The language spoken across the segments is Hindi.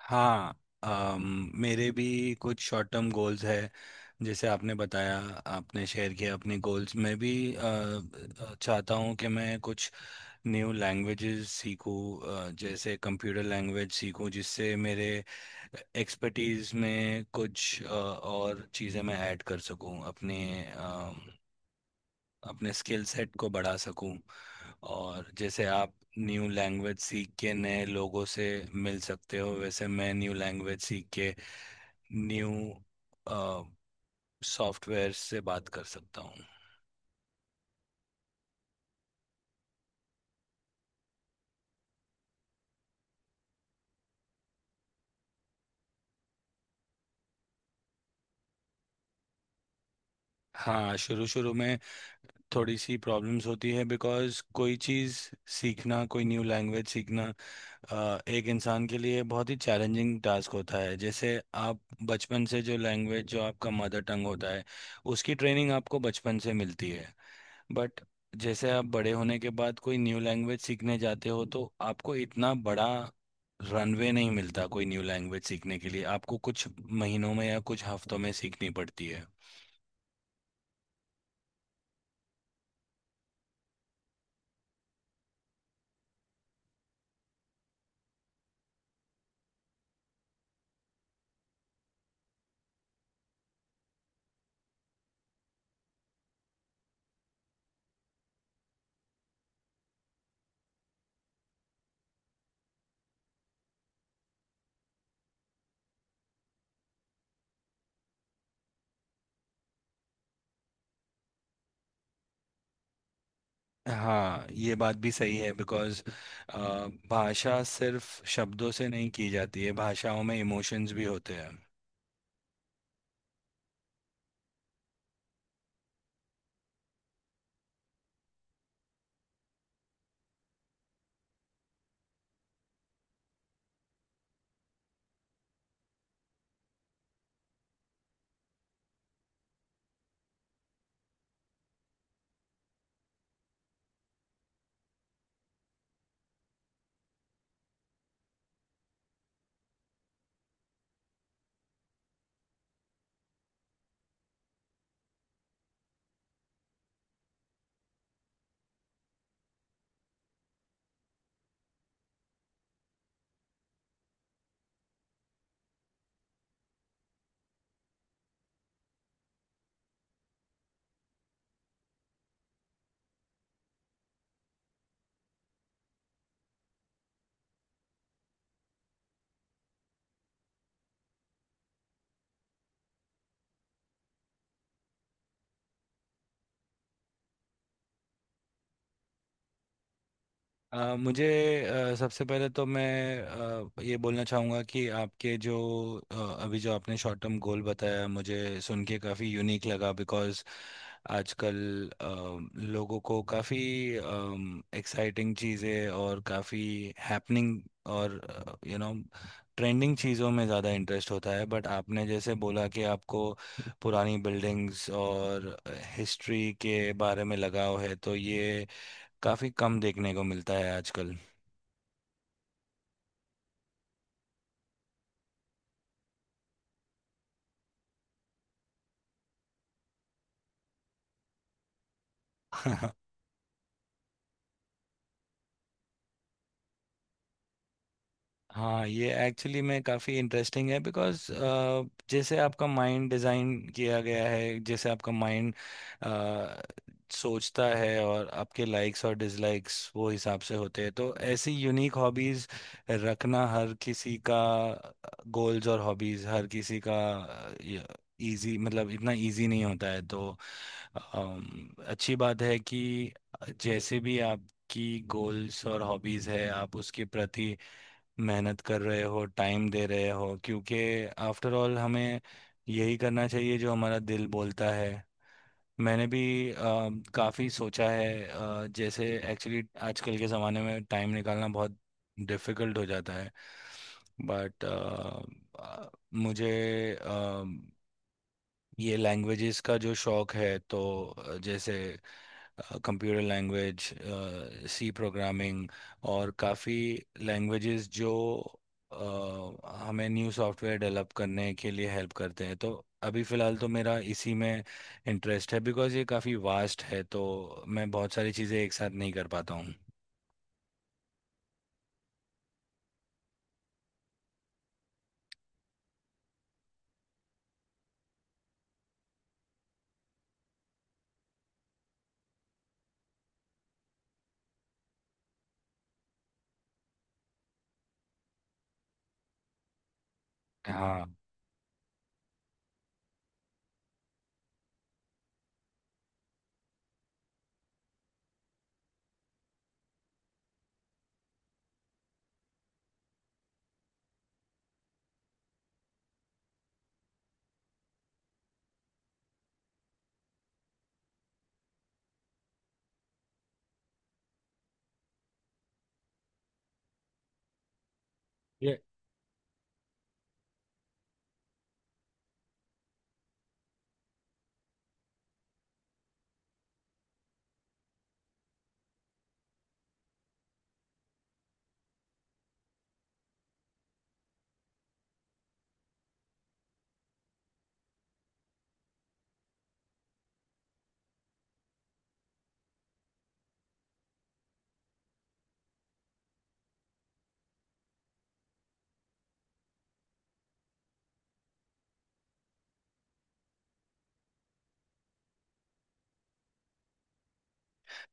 हाँ। मेरे भी कुछ शॉर्ट टर्म गोल्स है। जैसे आपने बताया, आपने शेयर किया अपने गोल्स। मैं भी चाहता हूँ कि मैं कुछ न्यू लैंग्वेजेस सीखूँ, जैसे कंप्यूटर लैंग्वेज सीखूँ, जिससे मेरे एक्सपर्टीज में कुछ और चीज़ें मैं ऐड कर सकूँ अपने अपने स्किल सेट को बढ़ा सकूं। और जैसे आप न्यू लैंग्वेज सीख के नए लोगों से मिल सकते हो, वैसे मैं न्यू लैंग्वेज सीख के न्यू सॉफ्टवेयर से बात कर सकता हूँ। हाँ, शुरू शुरू में थोड़ी सी प्रॉब्लम्स होती है बिकॉज कोई चीज़ सीखना, कोई न्यू लैंग्वेज सीखना एक इंसान के लिए बहुत ही चैलेंजिंग टास्क होता है। जैसे आप बचपन से जो लैंग्वेज, जो आपका मदर टंग होता है, उसकी ट्रेनिंग आपको बचपन से मिलती है। बट जैसे आप बड़े होने के बाद कोई न्यू लैंग्वेज सीखने जाते हो तो आपको इतना बड़ा रनवे नहीं मिलता कोई न्यू लैंग्वेज सीखने के लिए, आपको कुछ महीनों में या कुछ हफ्तों में सीखनी पड़ती है। हाँ, ये बात भी सही है बिकॉज भाषा सिर्फ शब्दों से नहीं की जाती है, भाषाओं में इमोशंस भी होते हैं। मुझे सबसे पहले तो मैं ये बोलना चाहूँगा कि आपके जो अ, अभी जो आपने शॉर्ट टर्म गोल बताया, मुझे सुन के काफ़ी यूनिक लगा बिकॉज़ आजकल लोगों को काफ़ी एक्साइटिंग चीज़ें और काफ़ी हैपनिंग और यू नो ट्रेंडिंग चीज़ों में ज़्यादा इंटरेस्ट होता है। बट आपने जैसे बोला कि आपको पुरानी बिल्डिंग्स और हिस्ट्री के बारे में लगाव है, तो ये काफी कम देखने को मिलता है आजकल। हाँ, ये एक्चुअली में काफ़ी इंटरेस्टिंग है बिकॉज जैसे आपका माइंड डिज़ाइन किया गया है, जैसे आपका माइंड सोचता है और आपके लाइक्स और डिसलाइक्स वो हिसाब से होते हैं, तो ऐसी यूनिक हॉबीज़ रखना हर किसी का, गोल्स और हॉबीज़ हर किसी का इजी, मतलब इतना इजी नहीं होता है। तो अच्छी बात है कि जैसे भी आपकी गोल्स और हॉबीज है, आप उसके प्रति मेहनत कर रहे हो, टाइम दे रहे हो, क्योंकि आफ्टर ऑल हमें यही करना चाहिए जो हमारा दिल बोलता है। मैंने भी काफ़ी सोचा है, जैसे, एक्चुअली आजकल के ज़माने में टाइम निकालना बहुत डिफ़िकल्ट हो जाता है। बट मुझे अ, ये लैंग्वेजेस का जो शौक है तो जैसे कंप्यूटर लैंग्वेज, सी प्रोग्रामिंग और काफ़ी लैंग्वेजेस जो हमें न्यू सॉफ्टवेयर डेवलप करने के लिए हेल्प करते हैं, तो अभी फ़िलहाल तो मेरा इसी में इंटरेस्ट है बिकॉज़ ये काफ़ी वास्ट है, तो मैं बहुत सारी चीज़ें एक साथ नहीं कर पाता हूँ। हाँ।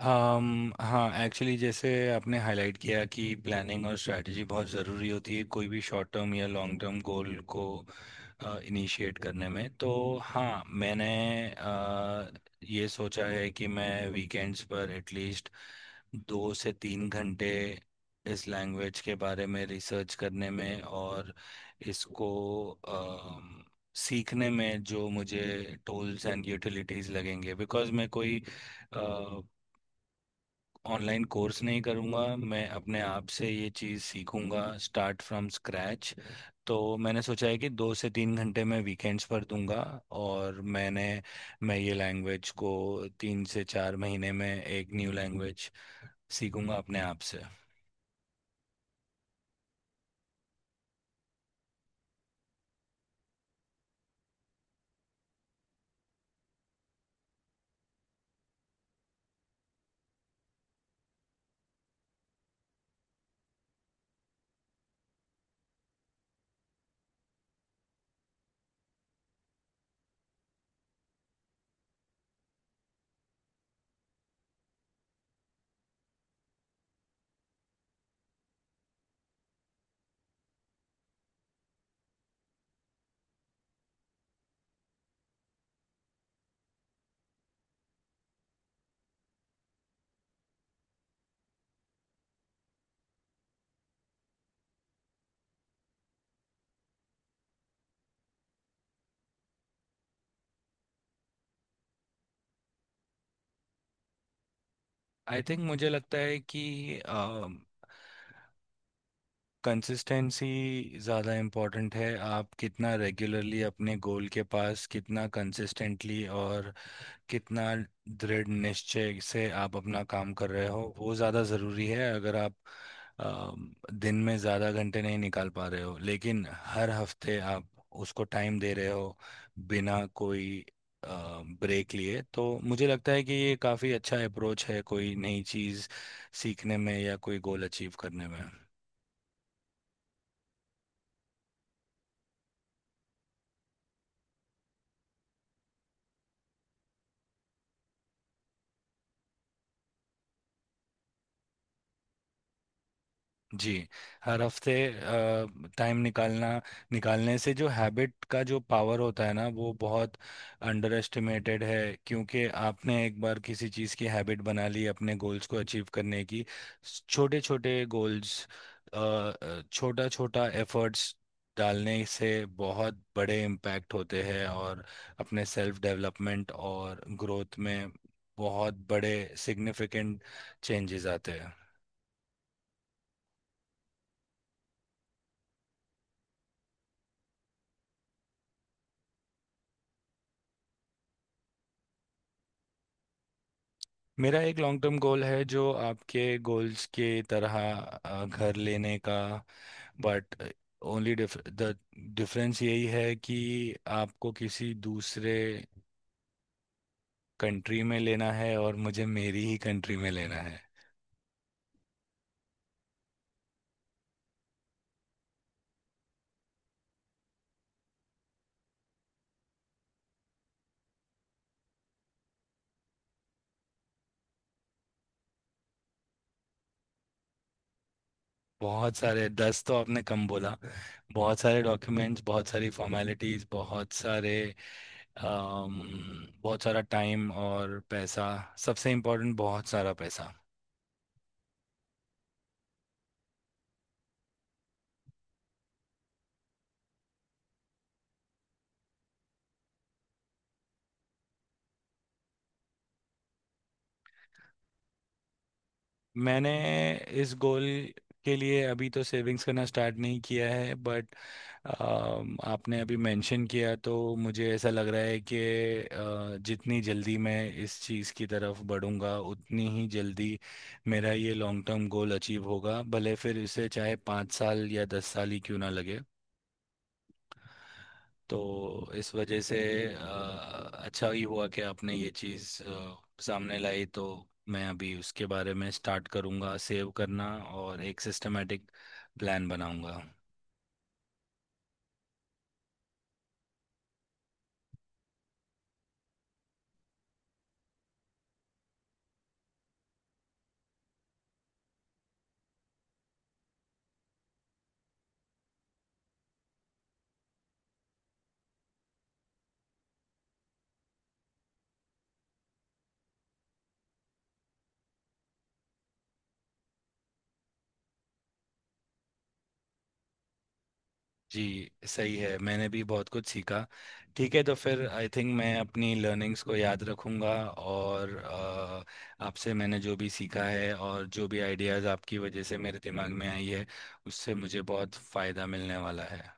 हाँ, एक्चुअली जैसे आपने हाईलाइट किया कि प्लानिंग और स्ट्रैटेजी बहुत ज़रूरी होती है कोई भी शॉर्ट टर्म या लॉन्ग टर्म गोल को इनिशिएट करने में। तो हाँ, मैंने अ, ये सोचा है कि मैं वीकेंड्स पर एटलीस्ट 2 से 3 घंटे इस लैंग्वेज के बारे में रिसर्च करने में और इसको अम, सीखने में जो मुझे टूल्स एंड यूटिलिटीज लगेंगे, बिकॉज मैं कोई ऑनलाइन कोर्स नहीं करूँगा, मैं अपने आप से ये चीज़ सीखूँगा, स्टार्ट फ्रॉम स्क्रैच। तो मैंने सोचा है कि 2 से 3 घंटे मैं वीकेंड्स पर दूंगा। और मैं ये लैंग्वेज को 3 से 4 महीने में एक न्यू लैंग्वेज सीखूंगा अपने आप से। आई थिंक, मुझे लगता है कि कंसिस्टेंसी ज़्यादा इम्पोर्टेंट है। आप कितना रेगुलरली अपने गोल के पास, कितना कंसिस्टेंटली और कितना दृढ़ निश्चय से आप अपना काम कर रहे हो, वो ज़्यादा ज़रूरी है। अगर आप अ, दिन में ज़्यादा घंटे नहीं निकाल पा रहे हो, लेकिन हर हफ्ते आप उसको टाइम दे रहे हो बिना कोई ब्रेक लिए, तो मुझे लगता है कि ये काफ़ी अच्छा अप्रोच है कोई नई चीज़ सीखने में या कोई गोल अचीव करने में। जी, हर हफ्ते टाइम निकालना निकालने से जो हैबिट का जो पावर होता है ना, वो बहुत अंडर एस्टिमेटेड है। क्योंकि आपने एक बार किसी चीज़ की हैबिट बना ली अपने गोल्स को अचीव करने की, छोटे छोटे गोल्स, छोटा छोटा एफर्ट्स डालने से बहुत बड़े इम्पैक्ट होते हैं और अपने सेल्फ डेवलपमेंट और ग्रोथ में बहुत बड़े सिग्निफिकेंट चेंजेस आते हैं। मेरा एक लॉन्ग टर्म गोल है जो आपके गोल्स के तरह घर लेने का। बट ओनली द डिफरेंस यही है कि आपको किसी दूसरे कंट्री में लेना है और मुझे मेरी ही कंट्री में लेना है। बहुत सारे 10 तो आपने कम बोला, बहुत सारे डॉक्यूमेंट्स, बहुत सारी फॉर्मेलिटीज, बहुत सारे बहुत सारा टाइम और पैसा, सबसे इम्पोर्टेंट बहुत सारा पैसा। मैंने इस गोल के लिए अभी तो सेविंग्स करना स्टार्ट नहीं किया है, बट आपने अभी मेंशन किया, तो मुझे ऐसा लग रहा है कि जितनी जल्दी मैं इस चीज़ की तरफ बढ़ूंगा, उतनी ही जल्दी मेरा ये लॉन्ग टर्म गोल अचीव होगा, भले फिर इसे चाहे 5 साल या 10 साल ही क्यों ना लगे। तो इस वजह से अ, अच्छा ही हुआ कि आपने ये चीज़ सामने लाई, तो मैं अभी उसके बारे में स्टार्ट करूँगा सेव करना और एक सिस्टमेटिक प्लान बनाऊँगा। जी, सही है, मैंने भी बहुत कुछ सीखा। ठीक है, तो फिर आई थिंक मैं अपनी लर्निंग्स को याद रखूँगा और आपसे मैंने जो भी सीखा है और जो भी आइडियाज़ आपकी वजह से मेरे दिमाग में आई है, उससे मुझे बहुत फ़ायदा मिलने वाला है।